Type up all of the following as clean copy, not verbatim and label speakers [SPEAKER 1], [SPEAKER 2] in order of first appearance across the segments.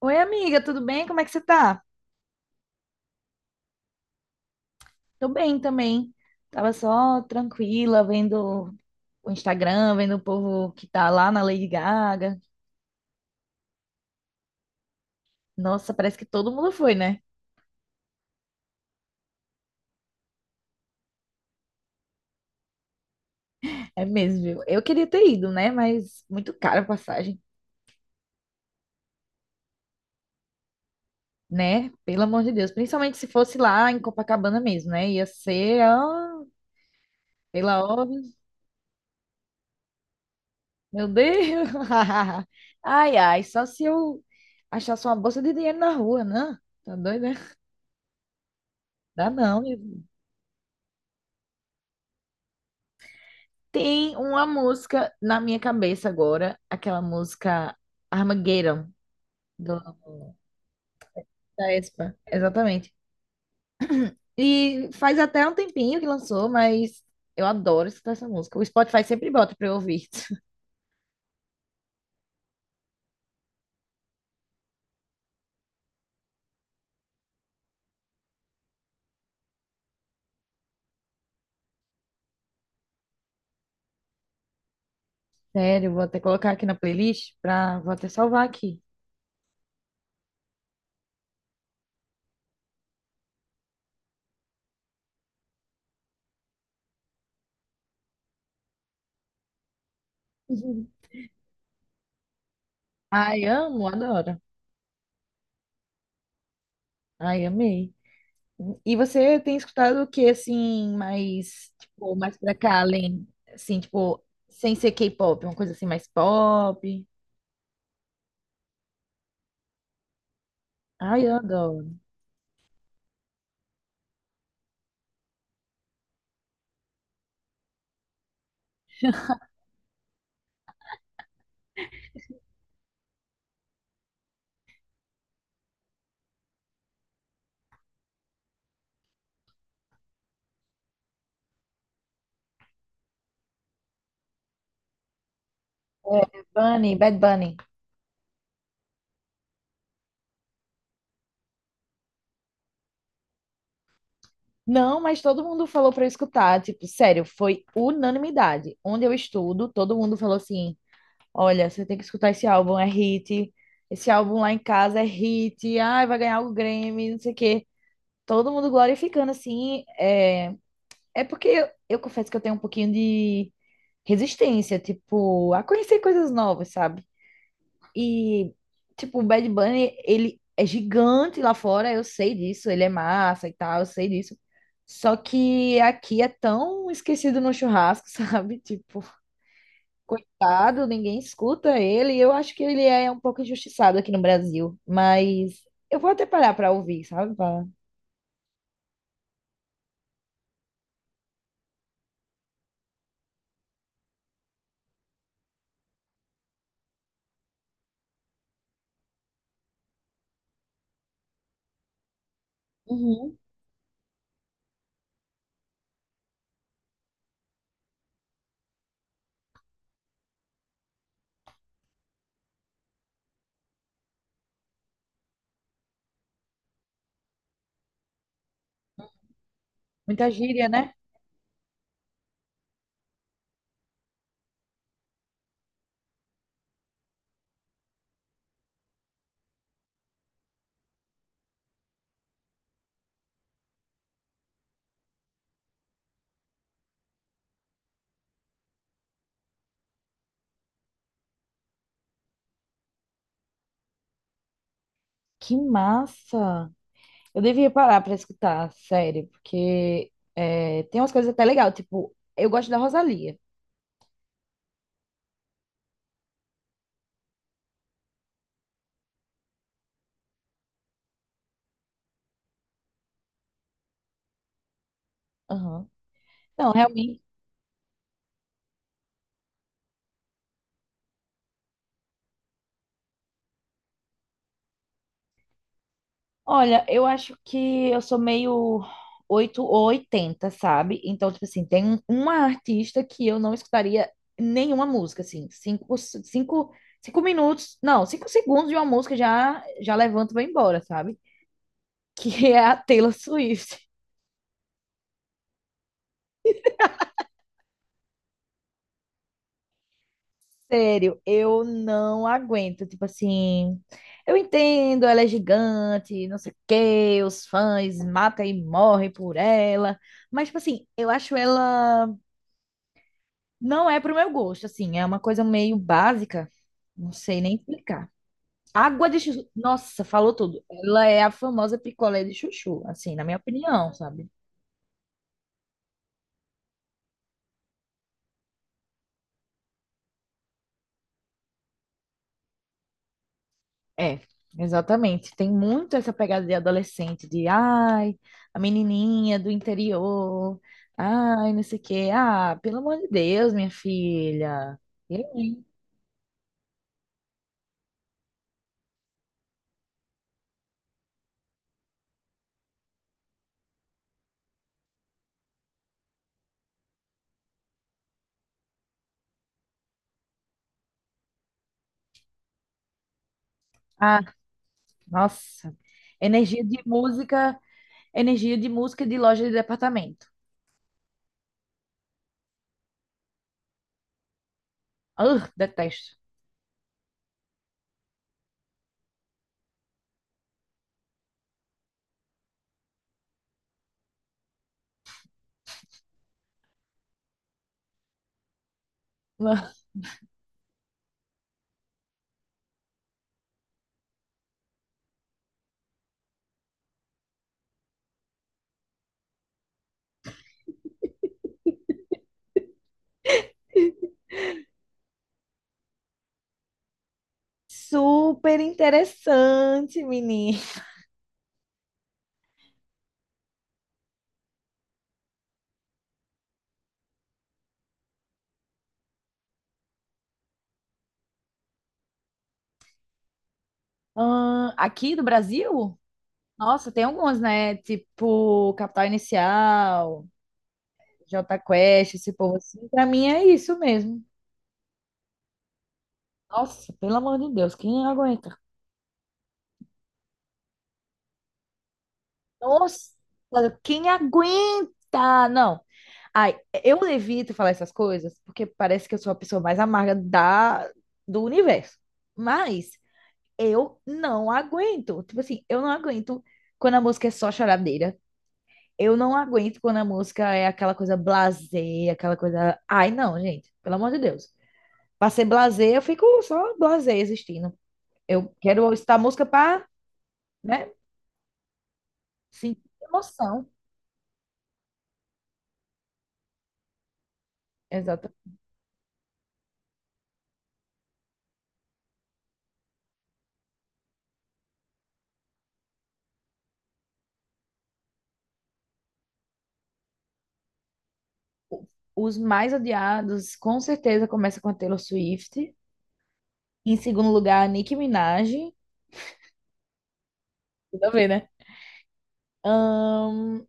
[SPEAKER 1] Oi, amiga, tudo bem? Como é que você tá? Tô bem também. Tava só tranquila, vendo o Instagram, vendo o povo que tá lá na Lady Gaga. Nossa, parece que todo mundo foi, né? É mesmo, viu? Eu queria ter ido, né? Mas muito cara a passagem, né? Pelo amor de Deus. Principalmente se fosse lá em Copacabana mesmo, né? Ia ser, ó, pela ordem. Meu Deus! Ai, ai, só se eu achasse uma bolsa de dinheiro na rua, né? Tá doido, né? Dá não. Tem uma música na minha cabeça agora, aquela música Armageddon, do, da Espa. Exatamente. E faz até um tempinho que lançou, mas eu adoro escutar essa música. O Spotify sempre bota pra eu ouvir. Sério, vou até colocar aqui na playlist, pra, vou até salvar aqui. Uhum. Ai, amo, adoro. Ai, amei. E você tem escutado o que, assim, mais, tipo, mais pra cá, além, assim, tipo, sem ser K-pop, uma coisa assim mais pop? Ai, eu adoro. É, Bunny, Bad Bunny. Não, mas todo mundo falou pra eu escutar, tipo, sério, foi unanimidade. Onde eu estudo, todo mundo falou assim: "Olha, você tem que escutar esse álbum, é hit. Esse álbum lá em casa é hit. Ai, vai ganhar o Grammy, não sei o quê". Todo mundo glorificando assim, é, é porque eu confesso que eu tenho um pouquinho de resistência, tipo, a conhecer coisas novas, sabe? E, tipo, o Bad Bunny, ele é gigante lá fora, eu sei disso, ele é massa e tal, eu sei disso. Só que aqui é tão esquecido no churrasco, sabe? Tipo, coitado, ninguém escuta ele. Eu acho que ele é um pouco injustiçado aqui no Brasil, mas eu vou até parar pra ouvir, sabe? Pra- Uhum. Muita gíria, né? Que massa! Eu devia parar pra escutar, sério, porque é, tem umas coisas até legal, tipo, eu gosto da Rosalía. Aham. Não, realmente. Olha, eu acho que eu sou meio oito ou oitenta, sabe? Então, tipo assim, uma artista que eu não escutaria nenhuma música, assim. Cinco minutos, não, 5 segundos de uma música já, já levanto e vou embora, sabe? Que é a Taylor Swift. Sério, eu não aguento. Tipo assim, eu entendo, ela é gigante, não sei o quê, os fãs matam e morrem por ela. Mas, tipo assim, eu acho ela. Não é pro meu gosto, assim, é uma coisa meio básica. Não sei nem explicar. Água de chuchu. Nossa, falou tudo. Ela é a famosa picolé de chuchu, assim, na minha opinião, sabe? É, exatamente. Tem muito essa pegada de adolescente, de ai, a menininha do interior, ai, não sei o quê. Ah, pelo amor de Deus, minha filha. E aí? Ah, nossa. Energia de música, energia de música de loja de departamento. Ah, detesto. Super interessante, menina. Ah, aqui do Brasil? Nossa, tem algumas, né? Tipo, Capital Inicial. Jota Quest, esse povo assim, pra mim é isso mesmo. Nossa, pelo amor de Deus, quem aguenta? Nossa, quem aguenta? Não. Ai, eu evito falar essas coisas porque parece que eu sou a pessoa mais amarga da, do universo. Mas eu não aguento. Tipo assim, eu não aguento quando a música é só choradeira. Eu não aguento quando a música é aquela coisa blasé, aquela coisa. Ai, não, gente, pelo amor de Deus. Pra ser blasé, eu fico só blasé existindo. Eu quero escutar música para, né, sentir emoção. Exato. Os mais odiados, com certeza, começa com a Taylor Swift. Em segundo lugar, a Nicki Minaj. Tudo a ver, né? Ahn,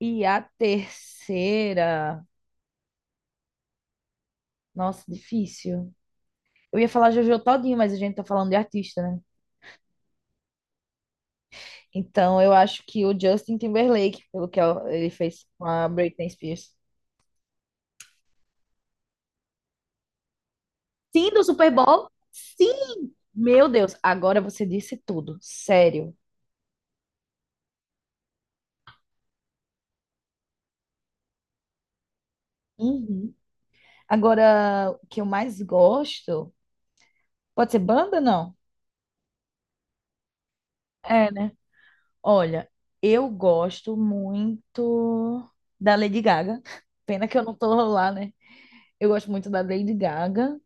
[SPEAKER 1] e a terceira. Nossa, difícil. Eu ia falar Jojo Todinho, mas a gente tá falando de artista, né? Então eu acho que o Justin Timberlake, pelo que ele fez com a Britney Spears. Sim, do Super Bowl? Sim! Meu Deus, agora você disse tudo. Sério. Uhum. Agora, o que eu mais gosto. Pode ser banda, não? É, né? Olha, eu gosto muito da Lady Gaga. Pena que eu não tô lá, né? Eu gosto muito da Lady Gaga,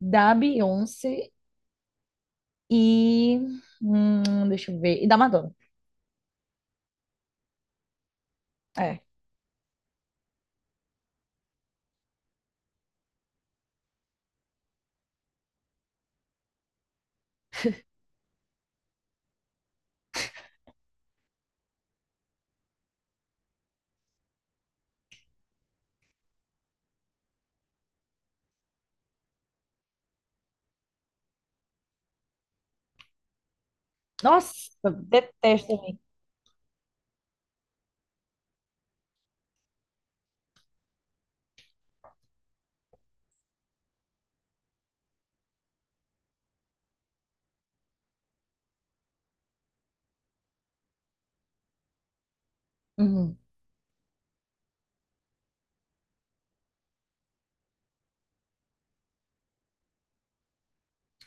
[SPEAKER 1] da Beyoncé e. Deixa eu ver. E da Madonna. É. Nossa, detesto a mim Uhum.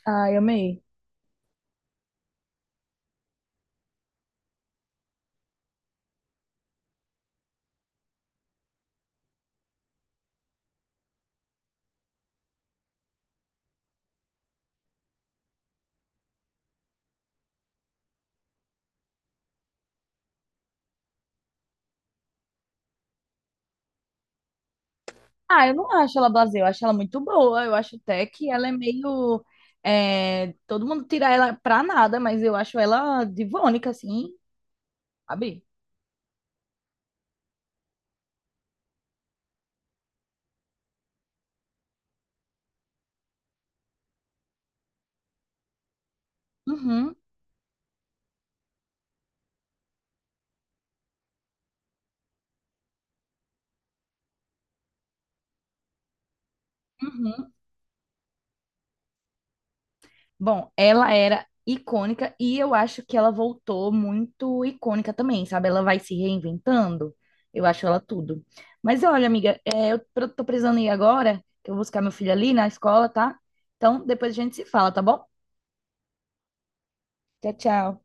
[SPEAKER 1] Ai, amei. Ah, eu não acho ela blasé, eu acho ela muito boa. Eu acho até que ela é meio. É, todo mundo tira ela pra nada, mas eu acho ela divônica, assim, sabe? Uhum, uhum. Bom, ela era icônica e eu acho que ela voltou muito icônica também, sabe? Ela vai se reinventando. Eu acho ela tudo. Mas olha, amiga, é, tô precisando ir agora, que eu vou buscar meu filho ali na escola, tá? Então depois a gente se fala, tá bom? Tchau, tchau.